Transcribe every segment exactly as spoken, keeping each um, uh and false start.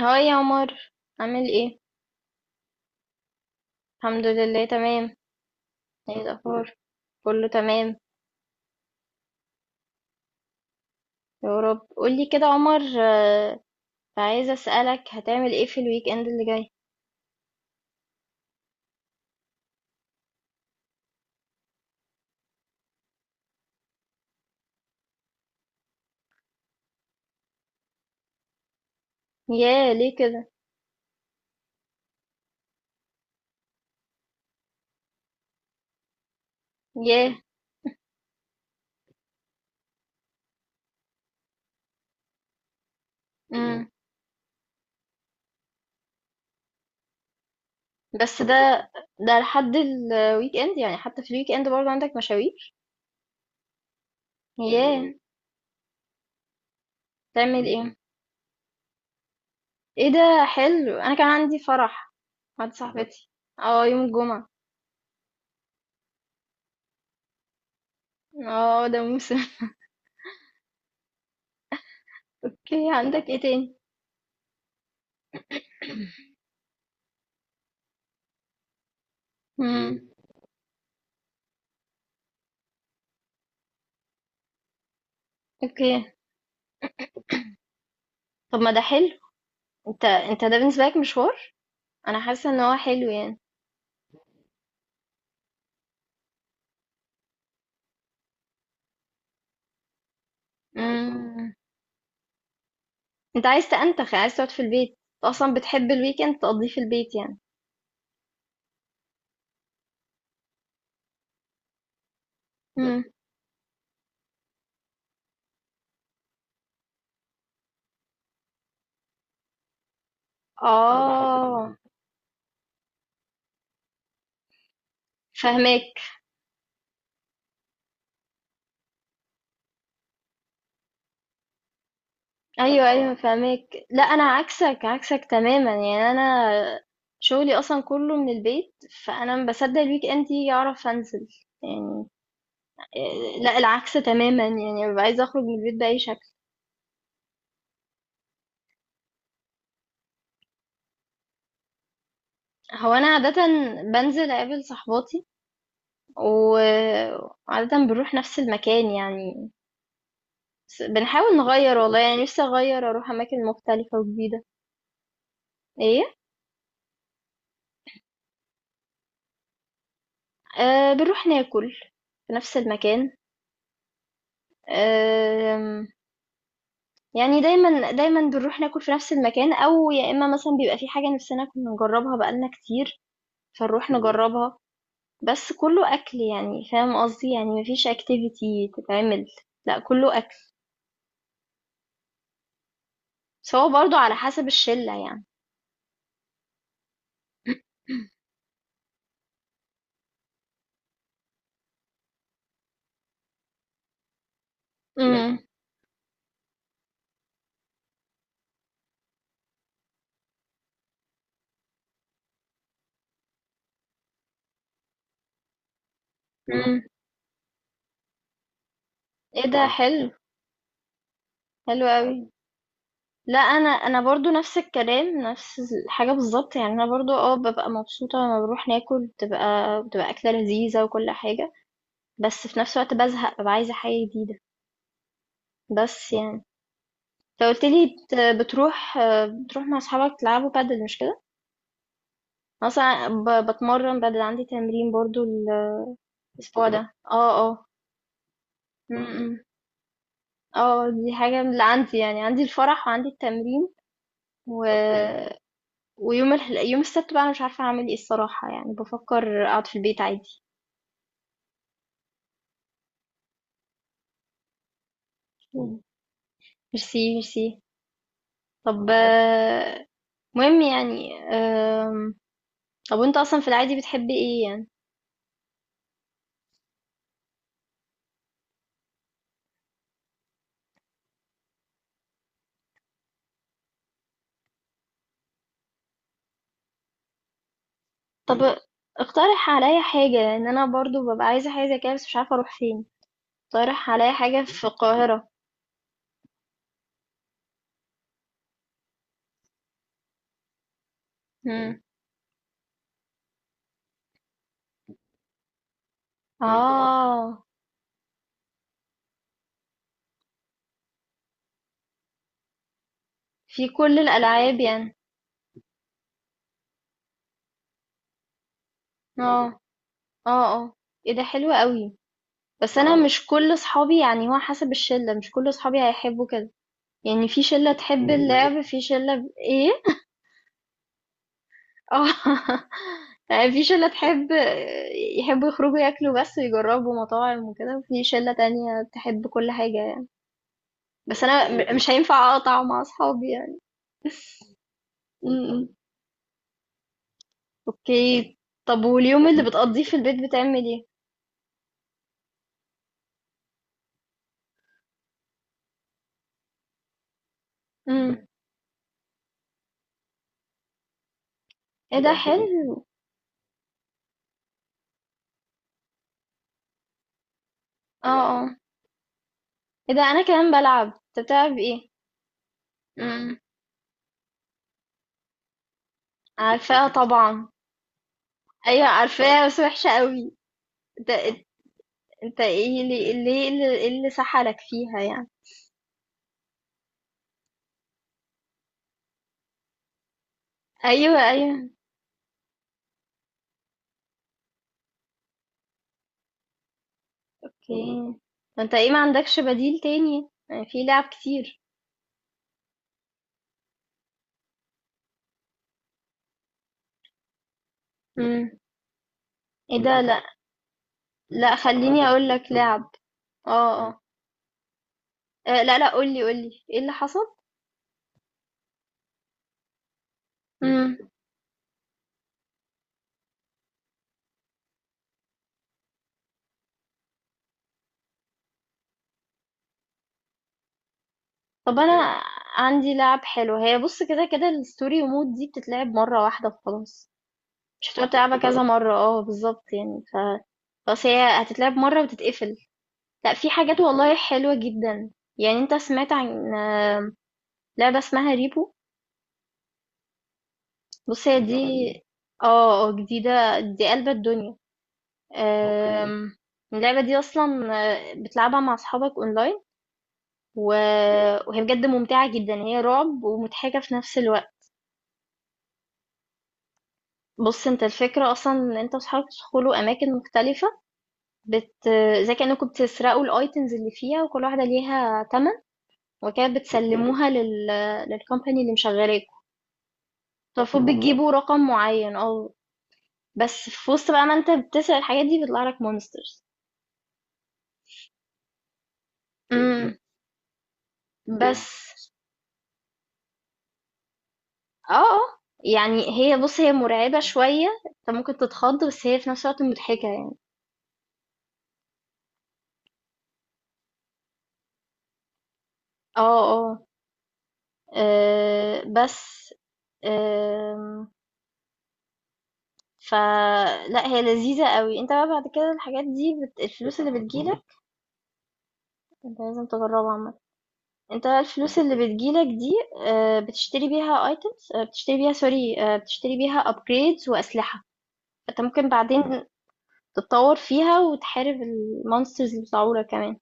هاي يا عمر، عامل ايه؟ الحمد لله، تمام. ايه الاخبار؟ كله تمام. يا رب قولي كده يا عمر. آه، عايزه اسالك، هتعمل ايه في الويك اند اللي جاي؟ ياه، ليه كده؟ ياه. امم بس ده ده لحد الويك اند؟ يعني حتى في الويك اند برضه عندك مشاوير؟ ياه. تعمل ايه؟ ايه ده، حلو. انا كان عندي فرح عند صاحبتي، اه، يوم الجمعه. اه، ده موسم. اوكي، عندك ايه تاني؟ امم اوكي، طب ما ده حلو. انت انت، ده بالنسبة لك مشوار. انا حاسة ان هو حلو يعني. امم انت عايز تأنتخ، عايز تقعد في البيت، انت اصلا بتحب الويكند تقضيه في البيت يعني. امم اه، فهمك. ايوه، ايوه، فهمك. لا انا عكسك، عكسك تماما يعني. انا شغلي اصلا كله من البيت، فانا ما بصدق الويك اند يجي اعرف انزل يعني. إيه، لا العكس تماما، يعني ببقى عايزه اخرج من البيت باي شكل. هو انا عاده بنزل اقابل صحباتي، وعادة بنروح نفس المكان يعني. بس بنحاول نغير، والله يعني نفسي أغير أروح أماكن مختلفة وجديدة. إيه. أه، بنروح ناكل في نفس المكان. أه. يعني دايما دايما بنروح ناكل في نفس المكان، أو يا إما مثلا بيبقى في حاجة نفسنا كنا نجربها بقالنا كتير، فنروح نجربها. بس كله أكل، يعني فاهم قصدي؟ يعني مفيش اكتيفيتي تتعمل، لا كله أكل. بس هو برضه على حسب الشلة يعني. مم. امم. إيه ده، اه حلو. حلو قوي. لا، انا انا برضو نفس الكلام، نفس الحاجه بالظبط يعني. انا برضو اه ببقى مبسوطه لما بروح ناكل، بتبقى بتبقى اكله لذيذه وكل حاجه. بس في نفس الوقت بزهق، ببقى عايزه حاجه جديده بس يعني. فقلت لي بت- بتروح بتروح مع اصحابك تلعبوا بادل، مش كده؟ أنا اصلا ب- بتمرن بادل، عندي تمرين برضو الاسبوع بجد ده، اه، اه. م- م. اه، دي حاجه من اللي عندي يعني، عندي الفرح وعندي التمرين. و طب حلو. ويوم ال... يوم السبت بقى، أنا مش عارفة أعمل إيه الصراحة، يعني بفكر أقعد في البيت عادي. مم. ميرسي، ميرسي. طب. آه، مهم يعني. آم، طب، وأنت أصلا في العادي بتحبي إيه يعني؟ مم. طب اقترح عليا حاجة، لأن أنا برضو ببقى عايزة حاجة زي كده بس مش عارفة أروح فين. اقترح عليا حاجة في القاهرة. مم. آه، في كل الألعاب يعني؟ آه، آه، آه، إيه ده حلو قوي. بس أنا، اه مش كل صحابي يعني، هو حسب الشلة، مش كل صحابي هيحبوا كده. يعني في شلة تحب ماشي اللعب، في شلة ب... ايه. اه. في شلة تحب يحبوا يخرجوا ياكلوا بس ويجربوا مطاعم وكده، وفي شلة تانية تحب كل حاجة يعني. بس انا م- مش هينفع اقطع مع اصحابي يعني. م-م. اوكي. طب، واليوم اللي بتقضيه في البيت بتعمل ايه؟ م. ايه ده حلو. اه، اه، ايه ده انا كمان بلعب. انت بتلعب ايه؟ م. عارفاها طبعا. ايوه عارفاها، بس وحشة قوي. انت ايه اللي اللي ايه اللي إيه اللي سحلك فيها يعني؟ ايوه، ايوه، اوكي. انت ايه ما عندكش بديل تاني يعني، في لعب كتير. امم ايه ده. لا، لا خليني اقول لك لعب. اه، اه، آه، لا لا، قولي قولي ايه اللي حصل. امم طب انا عندي لعب حلو. هي بص، كده كده الستوري مود دي بتتلعب مرة واحدة وخلاص. مش هتقعد تلعبها كذا مرة، اه بالظبط يعني ف... بس هي هتتلعب مرة وتتقفل. لا، في حاجات والله حلوة جدا. يعني انت سمعت عن لعبة اسمها ريبو؟ بص هي دي جديدة عليا، اه، آه، جديدة. دي قلب الدنيا. اوكي. آم، اللعبة دي أصلا آه، بتلعبها مع أصحابك أونلاين، و... وهي بجد ممتعة جدا، هي رعب ومضحكة في نفس الوقت. بص انت، الفكرة أصلا إن انت وأصحابك تدخلوا أماكن مختلفة، بت... آه، زي كأنكم بتسرقوا الأيتمز اللي فيها، وكل واحدة ليها تمن، وكده بتسلموها لل... للكومباني اللي مشغلاكوا. فالمفروض بتجيبوا رقم معين، اه. بس في وسط بقى، ما انت بتسرق الحاجات دي بيطلع لك مونسترز. إمم، بس آه، آه، يعني هي، بُص، هي مرعبة شوية، أنت ممكن تتخض بس هي في نفس الوقت مضحكة يعني. آه، آه، آآ، بس، آمم، فلأ هي لذيذة أوي. أنت بقى بعد كده الحاجات دي، بت الفلوس اللي بتيجي لك. أنت لازم تجربها عامةً. أنت بقى الفلوس اللي بتيجي لك دي، آآ، بتشتري بيها items، آآ، بتشتري بيها sorry، آآ، بتشتري بيها upgrades وأسلحة، فأنت ممكن بعدين تتطور فيها وتحارب الmonsters اللي بيطلعوا لك كمان.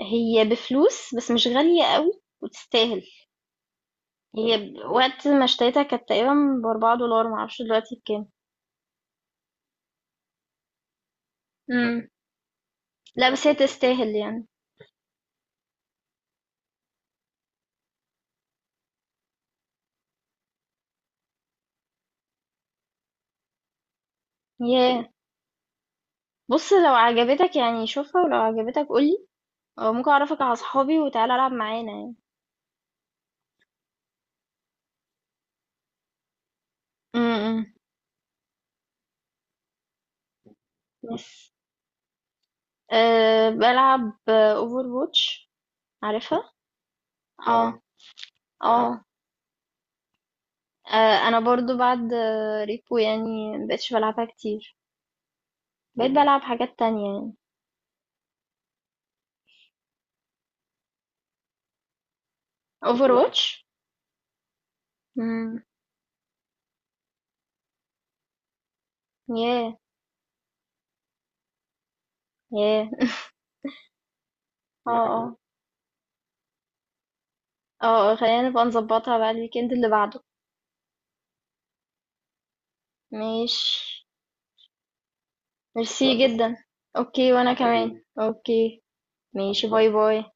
هي بفلوس بس مش غالية قوي، وتستاهل. هي ب- وقت ما اشتريتها كانت تقريبا بأربعة دولار، معرفش دلوقتي بكام. امم لا، بس هي تستاهل يعني. ياه. بص لو عجبتك يعني شوفها، ولو عجبتك قولي، أو ممكن أعرفك على صحابي وتعالى ألعب معانا يعني. امم بس أه، بلعب اوفر واتش. عارفها. اه، اه، آه، انا برضو بعد آه، ريبو يعني مبقتش بلعبها كتير، بقيت بلعب حاجات تانية يعني. اوفر واتش. ياه، ياه. اه، اه، اه، آه، خلينا نبقى نظبطها بقى الويكند اللي بعده. ماشي. ميرسي، خلاص جدا. اوكي، وانا حبيبي، كمان حبيبي، اوكي. ماشي، باي باي باي.